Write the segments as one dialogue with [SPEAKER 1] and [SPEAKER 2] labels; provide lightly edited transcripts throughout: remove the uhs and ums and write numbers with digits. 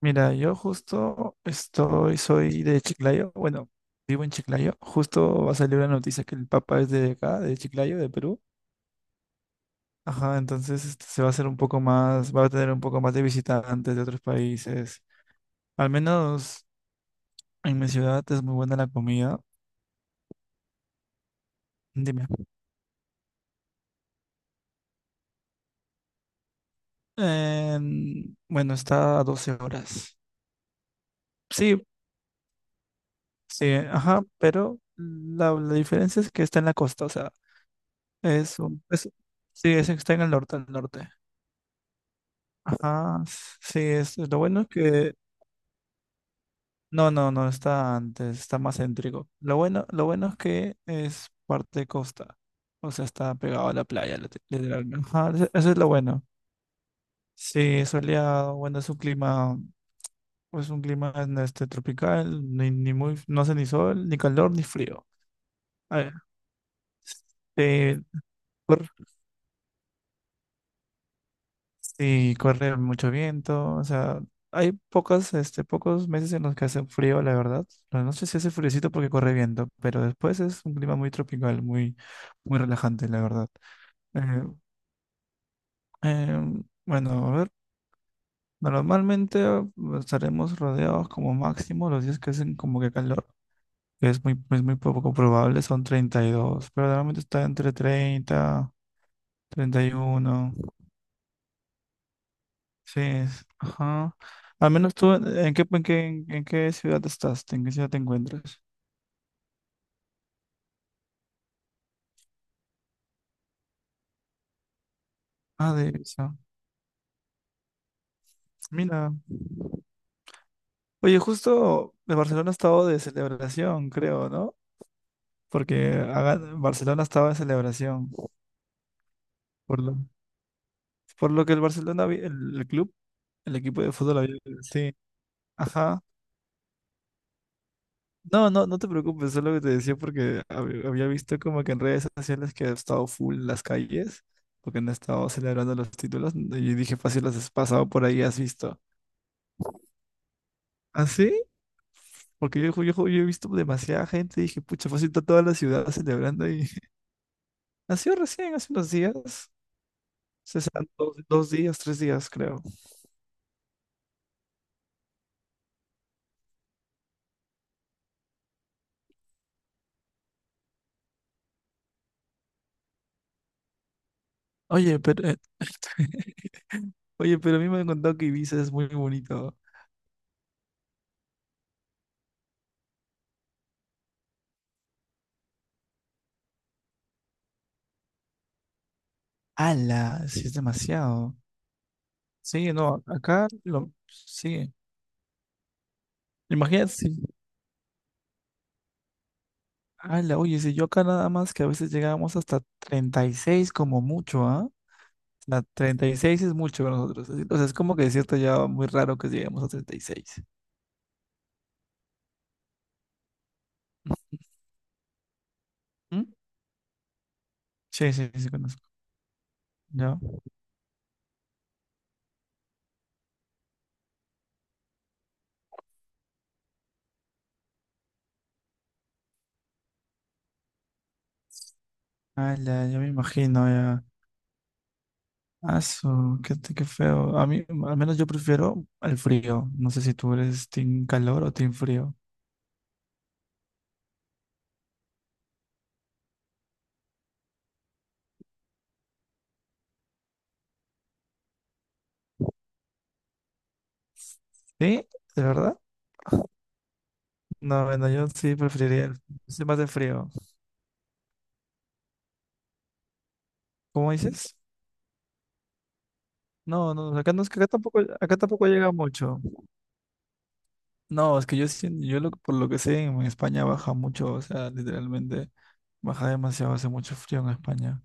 [SPEAKER 1] Mira, yo soy de Chiclayo. Bueno, vivo en Chiclayo. Justo va a salir una noticia que el Papa es de acá, de Chiclayo, de Perú. Ajá, entonces se va a hacer un poco más, va a tener un poco más de visitantes de otros países. Al menos en mi ciudad es muy buena la comida. Dime. Bueno, está a 12 horas. Sí, sí, ajá, pero la diferencia es que está en la costa, o sea, es un, es, sí, está en el norte, al norte. Ajá, sí, es, lo bueno es que... No, no, no, está antes, está más céntrico. Lo bueno es que es parte costa, o sea, está pegado a la playa, literalmente. Ajá, eso es lo bueno. Sí, soleado, bueno, es un clima tropical, ni muy, no hace ni sol, ni calor, ni frío. A ver, sí. Sí, corre mucho viento, o sea, hay pocos meses en los que hace frío, la verdad. La noche sí hace friecito porque corre viento, pero después es un clima muy tropical, muy relajante, la verdad. Eh, bueno, a ver, normalmente estaremos rodeados como máximo los días que hacen como que calor, que es es muy poco probable, son 32, pero normalmente está entre 30, 31. Ajá. Al menos tú, ¿en qué, en qué ciudad estás? ¿En qué ciudad te encuentras? Ah, de esa... Mira. Oye, justo de Barcelona ha estado de celebración, creo, ¿no? Porque Barcelona estaba de celebración. Por lo, por lo que el Barcelona, el club, el equipo de fútbol había... Sí. Ajá. No, no, no te preocupes, es lo que te decía porque había visto como que en redes sociales que ha estado full las calles, porque han estado celebrando los títulos, ¿no? Y dije, fácil, las has pasado por ahí, has visto. ¿Ah, sí? Porque yo he visto demasiada gente, dije, pucha, fácil, está toda la ciudad celebrando y ha sido recién, hace unos días, se serán dos, dos días, tres días, creo. Oye, pero, oye, pero a mí me han contado que Ibiza es muy bonito. ¡Hala! Sí, es demasiado. Sí, no, acá lo... Sí. Imagínate si, ala, oye, si yo acá nada más que a veces llegábamos hasta 36 como mucho, ¿ah? O sea, 36 es mucho para nosotros. Así- O sea, es como que es cierto, ya muy raro que lleguemos a 36. Ujú. Sí, sí, sí, sí conozco. Ya. Ala, yo me imagino ya. Aso, qué, qué feo. A mí, al menos yo prefiero el frío. No sé si tú eres team calor o team frío. ¿Sí? ¿De verdad? No, bueno, yo sí preferiría el... Soy más de frío. ¿Cómo dices? No, no, acá no es que acá tampoco llega mucho. No, es que yo lo, por lo que sé, en España baja mucho, o sea, literalmente baja demasiado, hace mucho frío en España.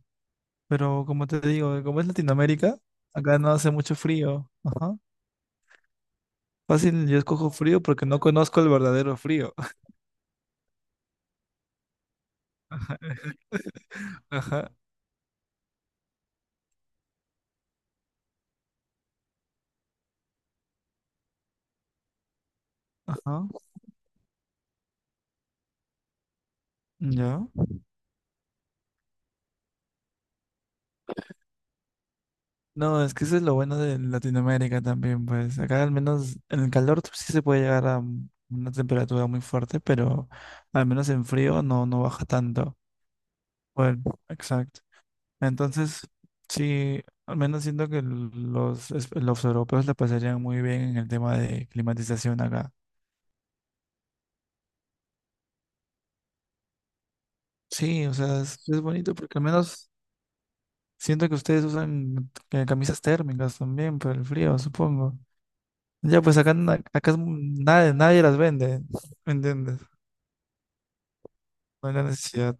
[SPEAKER 1] Pero como te digo, como es Latinoamérica, acá no hace mucho frío. Ajá. Fácil, yo escojo frío porque no conozco el verdadero frío. Ajá, ajá. Ya. No, es que eso es lo bueno de Latinoamérica también, pues acá al menos en el calor sí se puede llegar a una temperatura muy fuerte, pero al menos en frío no, no baja tanto. Bueno, exacto. Entonces, sí, al menos siento que los europeos la pasarían muy bien en el tema de climatización acá. Sí, o sea, es bonito porque al menos siento que ustedes usan camisas térmicas también por el frío, supongo. Ya, pues acá, acá es nadie, nadie las vende. ¿Me entiendes? No hay la necesidad.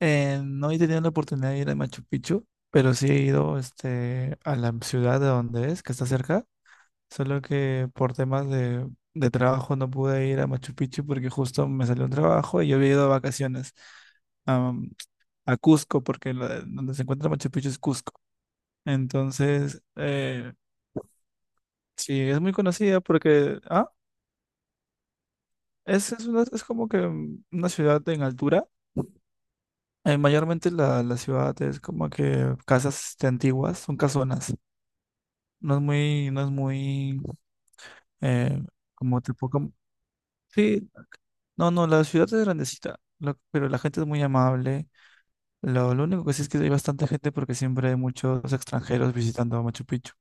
[SPEAKER 1] No he tenido la oportunidad de ir a Machu Picchu, pero sí he ido a la ciudad de donde es, que está cerca. Solo que por temas de trabajo no pude ir a Machu Picchu porque justo me salió un trabajo y yo había ido de vacaciones am, a Cusco, porque donde se encuentra Machu Picchu es Cusco. Entonces, sí, es muy conocida porque ah, es como que una ciudad en altura. Mayormente la ciudad es como que casas antiguas, son casonas. No es muy, no es muy, eh, como tipo, como- sí, no, no, la ciudad es grandecita, lo- pero la gente es muy amable. Lo único que sí es que hay bastante gente porque siempre hay muchos extranjeros visitando Machu Picchu.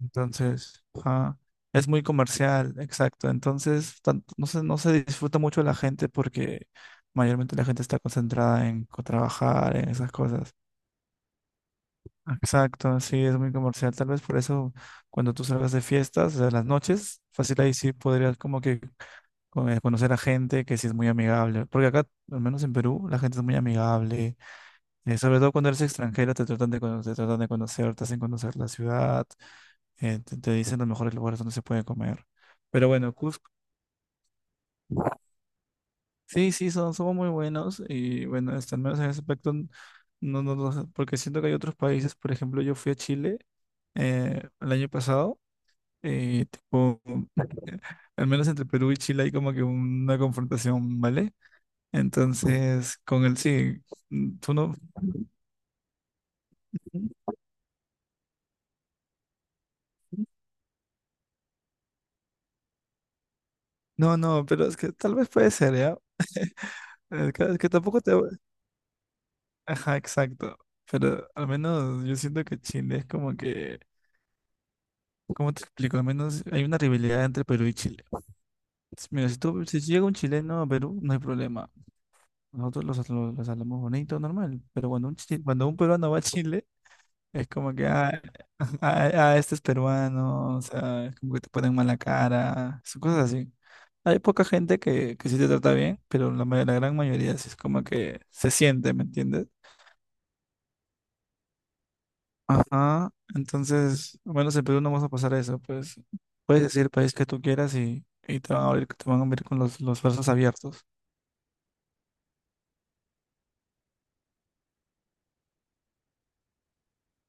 [SPEAKER 1] Entonces, ajá, es muy comercial, exacto. Entonces, tanto- no se disfruta mucho la gente porque mayormente la gente está concentrada en trabajar, en esas cosas. Exacto, sí, es muy comercial. Tal vez por eso cuando tú salgas de fiestas, o sea, en las noches, fácil ahí sí podrías como que conocer a gente que sí es muy amigable. Porque acá, al menos en Perú, la gente es muy amigable. Eh, sobre todo cuando eres extranjero, te tratan de, te tratan de conocer, te hacen conocer la ciudad, te dicen los mejores lugares donde se puede comer. Pero bueno, Cusco. Sí, sí, son, somos muy buenos y bueno, este, al menos en ese aspecto, n- no, no, no, porque siento que hay otros países, por ejemplo, yo fui a Chile el año pasado y tipo, al menos entre Perú y Chile hay como que una confrontación, ¿vale? Entonces, con el sí, mm, tú no, no, no, pero es que tal vez puede ser, ¿ya? Es que tampoco te... Ajá, exacto. Pero al menos yo siento que Chile es como que, ¿cómo te explico? Al menos hay una rivalidad entre Perú y Chile. S- Mira, si tú, si llega un chileno a Perú, no hay problema. Nosotros los hablamos bonito, normal. Pero cuando un, cuando un peruano va a Chile, es como que, ah, ah, ah, este es peruano, o sea, es como que te ponen mala cara, son cosas así. Hay poca gente que sí te trata bien, pero la, la gran mayoría sí es como que se siente, ¿me entiendes? Ajá, entonces, al menos en Perú no vas a pasar eso, pues puedes decir el país que tú quieras y te van a abrir, te van a abrir con los brazos abiertos.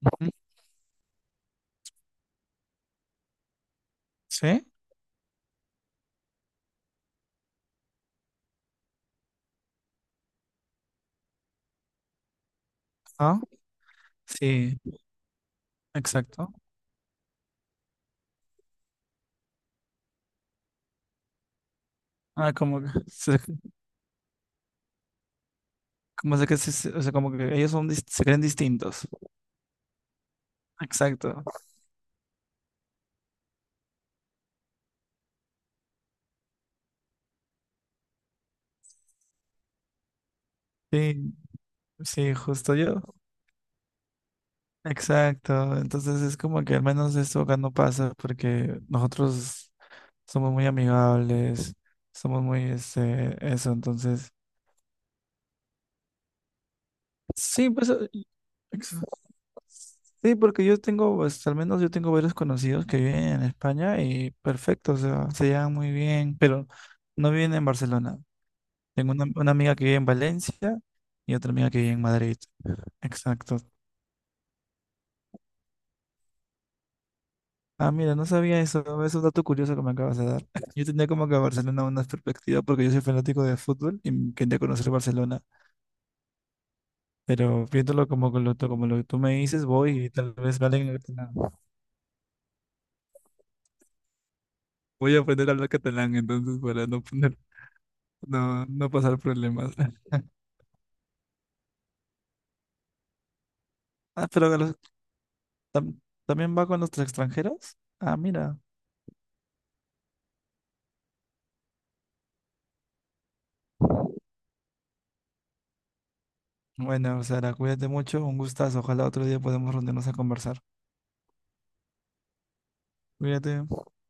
[SPEAKER 1] Ujú. ¿Sí? ¿Ah? Sí, exacto. Ah, como que, se- como se que se- se- o sea, como que ellos son, se creen distintos. Exacto. Sí, sí, justo yo. Exacto. Entonces es como que al menos esto acá no pasa porque nosotros somos muy amigables, somos muy, este, eso. Entonces, sí, pues, ex- sí, porque yo tengo, pues, al menos yo tengo varios conocidos que viven en España y perfecto, o sea, se llevan muy bien, pero no viven en Barcelona. Tengo una amiga que vive en Valencia y otra amiga que vive en Madrid. Exacto. Ah, mira, no sabía eso. Es un dato curioso que me acabas de dar. Yo tenía como que Barcelona una perspectiva porque yo soy fanático de fútbol y quería conocer Barcelona. Pero viéndolo como, con lo, to- como lo que tú me dices, voy y tal vez vale en catalán. Voy a aprender a hablar catalán entonces para no poner, no, no pasar problemas. Ah, pero a los- tam- también va con los extranjeros. Ah, mira. Bueno, Sara, cuídate mucho. Un gustazo. Ojalá otro día podamos reunirnos a conversar. Mírate.